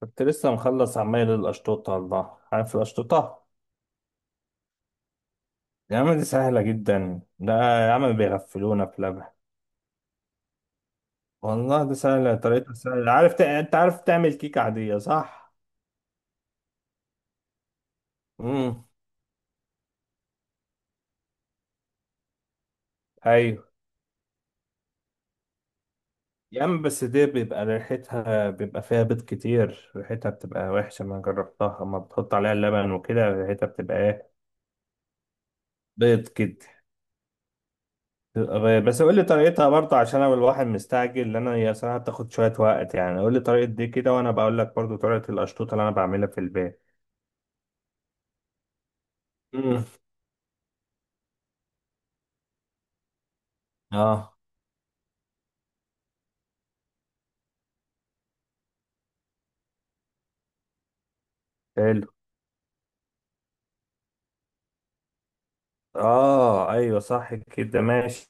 كنت لسه مخلص عمال الأشطوطة على البحر. عارف الأشطوطة؟ يا عم دي سهلة جدا ده. يا عم بيغفلونا في لبن. والله دي سهلة، طريقتها سهلة. عارف أنت عارف تعمل كيكة عادية، صح؟ امم. أيوه. يا عم بس دي بيبقى ريحتها، بيبقى فيها بيض كتير، ريحتها بتبقى وحشة ما جربتها. أما بتحط عليها اللبن وكده ريحتها بتبقى إيه؟ بيض كده. بس قول لي طريقتها برضه، عشان انا الواحد مستعجل لان انا هي صراحه بتاخد شويه وقت، يعني قول لي طريقه دي كده وانا بقول لك برضه طريقه القشطوطه اللي انا بعملها في البيت. امم. اه. حلو. اه، ايوه، صح كده، ماشي.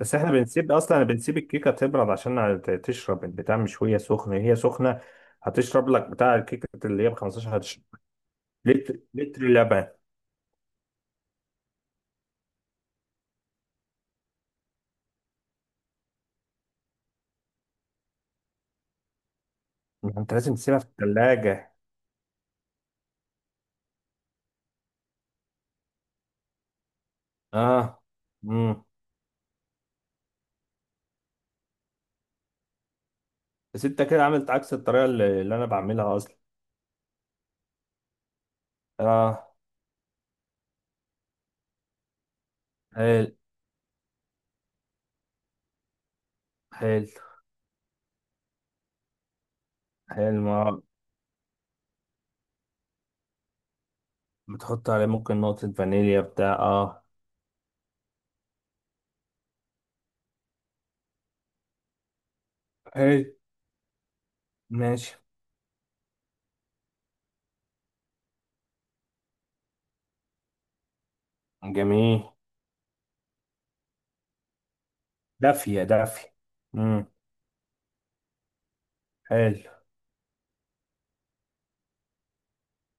بس احنا بنسيب اصلا، بنسيب الكيكه تبرد عشان تشرب البتاع، مش وهي سخنه. هي سخنه هتشرب لك بتاع الكيكه اللي هي ب 15، هتشرب لتر لتر لبن. ما انت لازم تسيبها في الثلاجه. اه. امم. بس انت كده عملت عكس الطريقه اللي انا بعملها. اه. حلو. حلو. حلو. ما بتحط عليه ممكن نقطة فانيليا بتاع اه حلو. ماشي. جميل. دافية دافية. امم. حلو.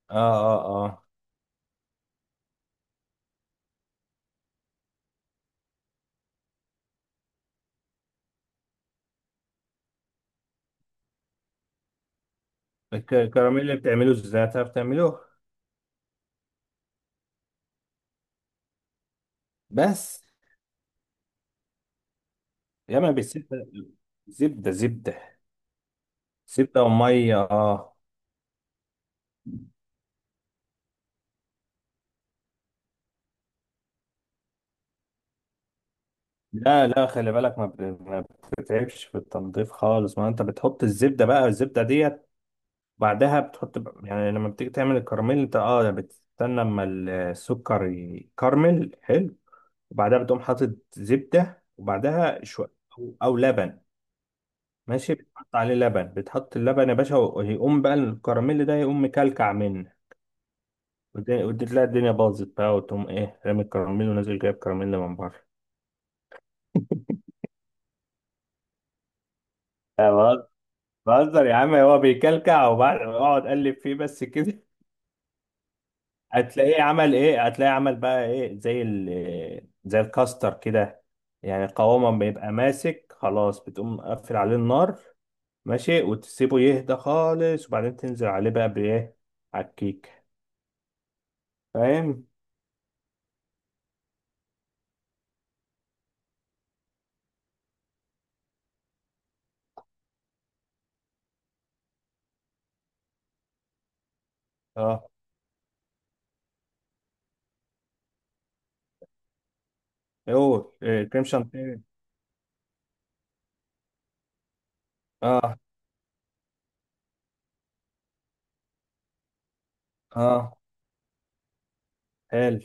اه. اه. اه. الكراميل اللي بتعمله ازاي، تعرف تعمله؟ بس. يا ما بالزبدة. زبدة زبدة. زبدة ومية، اه. لا لا خلي بالك، ما بتتعبش في التنظيف خالص، ما انت بتحط الزبدة. بقى الزبدة دي بعدها بتحط يعني لما بتيجي تعمل الكراميل انت بتستنى اما السكر يكرمل، حلو. وبعدها بتقوم حاطط زبدة وبعدها شوية، او لبن. ماشي. بتحط عليه لبن، بتحط اللبن يا باشا ويقوم بقى الكراميل ده يقوم مكلكع منه. وتلاقي تلاقي الدنيا باظت بقى، وتقوم ايه رامي الكراميل ونازل جايب كراميل من بره. أنا بهزر. بهزر يا عم، هو بيكلكع وبعد اقعد اقلب فيه بس كده. هتلاقيه عمل ايه، هتلاقيه عمل بقى ايه، زي الكاستر كده. يعني القوامة ما بيبقى ماسك خلاص، بتقوم مقفل عليه النار. ماشي. وتسيبه يهدى خالص، وبعدين تنزل عليه بقى بايه، على الكيك. فاهم. اه. اوه إيه، كريم شانتيه. اه. اه. حلو.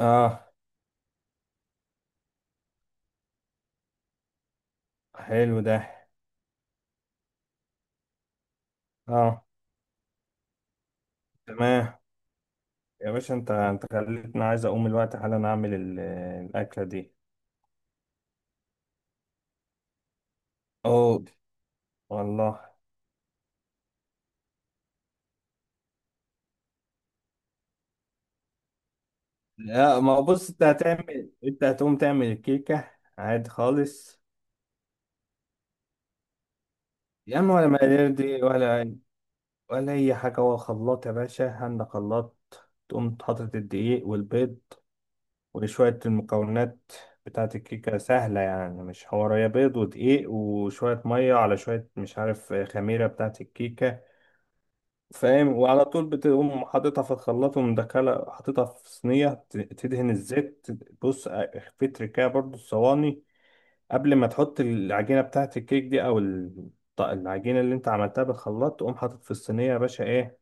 اه. حلو ده. اه. تمام. يا باشا، انت خليتني عايز اقوم الوقت حالا اعمل الاكلة دي. اوه. والله. لا، ما هو بص، انت هتقوم تعمل الكيكة. عادي خالص. يا عم ولا مقادير دي، ولا أي حاجة. هو خلاط يا باشا، عندك خلاط؟ تقوم حاطط الدقيق والبيض وشوية المكونات بتاعة الكيكة، سهلة يعني مش حوارية. بيض ودقيق وشوية مية على شوية مش عارف خميرة بتاعة الكيكة. فاهم، وعلى طول بتقوم حاططها في الخلاط ومدخلة حاططها في صينية تدهن الزيت. بص في تركاية برضو الصواني قبل ما تحط العجينه بتاعه الكيك دي العجينه اللي انت عملتها بالخلاط، تقوم حاطط في الصينيه يا باشا ايه؟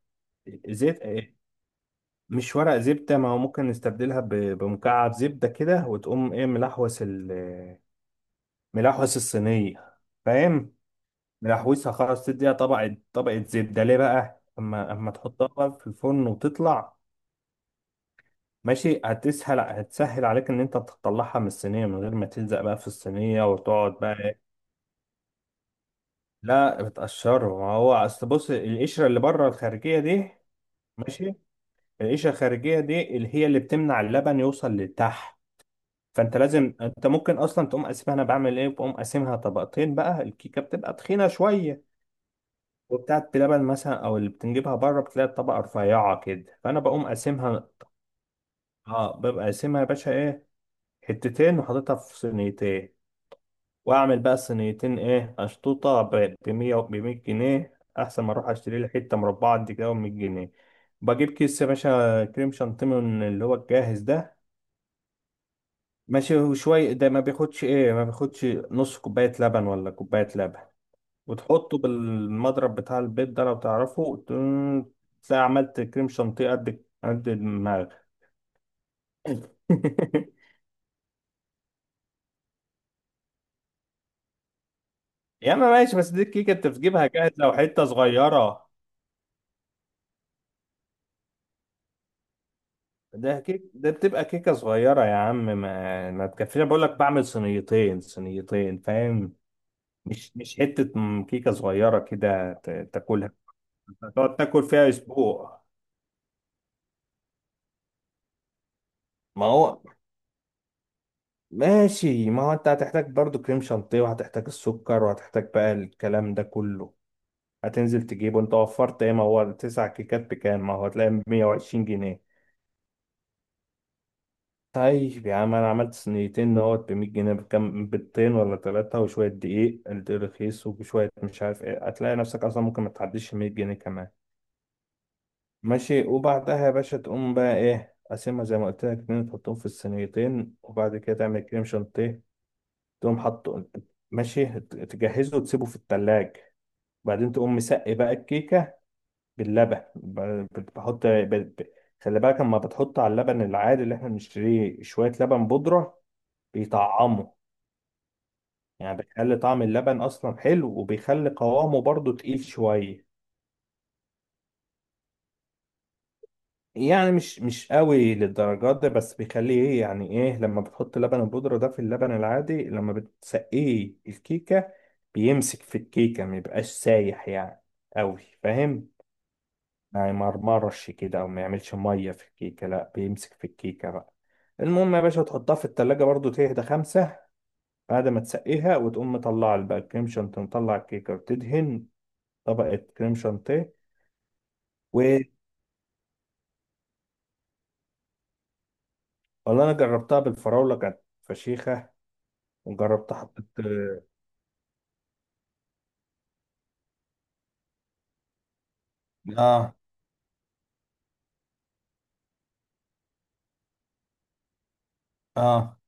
زيت إيه؟ مش ورق زبده. ما هو ممكن نستبدلها بمكعب زبده كده، وتقوم ايه ملحوس الصينيه. فاهم. ملحوسها خلاص تديها طبقه طبقه زبده، ليه بقى؟ اما تحطها بقى في الفرن وتطلع ماشي، هتسهل هتسهل عليك ان انت تطلعها من الصينيه من غير ما تلزق بقى في الصينيه، وتقعد بقى. لا بتقشره، ما هو اصل بص القشره اللي بره الخارجيه دي. ماشي. القشره الخارجيه دي اللي هي اللي بتمنع اللبن يوصل لتحت. فانت لازم، انت ممكن اصلا تقوم قاسمها، انا بعمل ايه، بقوم قاسمها طبقتين بقى. الكيكه بتبقى تخينه شويه وبتاعت بلبن مثلا، او اللي بتنجيبها بره بتلاقي الطبقه رفيعه كده، فانا بقوم قاسمها. اه، ببقى قاسمها يا باشا ايه، حتتين وحاططها في صينيتين. واعمل بقى صينيتين ايه، اشطوطه ب 100، ب 100 جنيه، احسن ما اروح اشتري لي حته مربعه قد كده ب 100 جنيه. بجيب كيس يا باشا كريم شانتيه من اللي هو الجاهز ده. ماشي، وشويه ده ما بياخدش ايه، ما بياخدش نص كوبايه لبن ولا كوبايه لبن. وتحطه بالمضرب بتاع البيض ده، لو تعرفه تلاقي عملت كريم شانتيه قد قد دماغك. يا اما ماشي. بس دي الكيكه انت بتجيبها جاهزه وحته صغيره. ده كيك ده بتبقى كيكة صغيرة يا عم ما تكفيش. أنا بقول لك بعمل صينيتين، صينيتين فاهم؟ مش كيكة صغيرة كده تاكلها، تقعد تاكل فيها أسبوع. ما هو ماشي ما هو أنت هتحتاج برضو كريم شانتيه وهتحتاج السكر وهتحتاج بقى الكلام ده كله، هتنزل تجيبه أنت. وفرت إيه؟ ما هو تسع كيكات بكام؟ ما هو هتلاقي 120 جنيه. طيب يا عم انا عملت صينيتين نقط ب 100 جنيه، بكام؟ بيضتين ولا ثلاثة وشوية دقيق رخيص وشوية مش عارف ايه، هتلاقي نفسك اصلا ممكن ما تعديش 100 جنيه كمان. ماشي، وبعدها يا باشا تقوم بقى ايه، قاسمها زي ما قلت لك اتنين، تحطهم في الصينيتين، وبعد كده تعمل كريم شانتيه تقوم حاطه. ماشي، تجهزه وتسيبه في التلاج وبعدين تقوم مسقي بقى الكيكة باللبن، بحط ب- ب- خلي بالك اما بتحط على اللبن العادي اللي احنا بنشتريه شوية لبن بودرة. بيطعموا، يعني بيخلي طعم اللبن اصلا حلو وبيخلي قوامه برضو تقيل شوية. يعني مش قوي للدرجات دي، بس بيخليه ايه، يعني ايه لما بتحط لبن البودرة ده في اللبن العادي لما بتسقيه الكيكة، بيمسك في الكيكة ما يبقاش سايح يعني قوي، فاهم؟ يعني ما يمرمرش كده او ما يعملش مية في الكيكة، لا بيمسك في الكيكة بقى. المهم يا باشا تحطها في التلاجة برضو تهدى خمسة، بعد ما تسقيها وتقوم مطلع بقى الكريم شانتيه، مطلع الكيكة وتدهن طبقة كريم شانتيه. والله انا جربتها بالفراوله كانت فشيخه. وجربتها حطيت. اه. اه.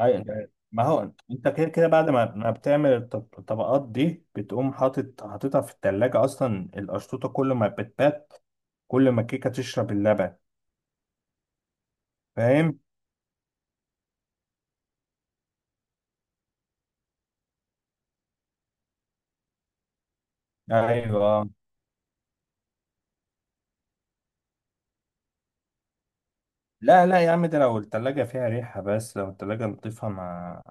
أي- ما هو انت كده كده بعد ما بتعمل الطبقات دي بتقوم حاطط حاططها في التلاجة اصلا. القشطوطة كل ما بتبات كل ما الكيكة تشرب اللبن فاهم؟ ايوه. لا لا يا عم، ده لو التلاجة فيها ريحة، بس لو التلاجة لطيفة ما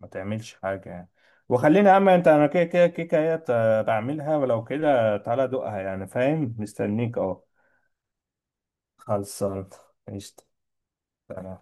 ما تعملش حاجة يعني. وخلينا يا عم انت، انا كده كده الكيكة هي بعملها، ولو كده تعالى دوقها يعني فاهم، مستنيك اهو. خلصان. قشطة. سلام.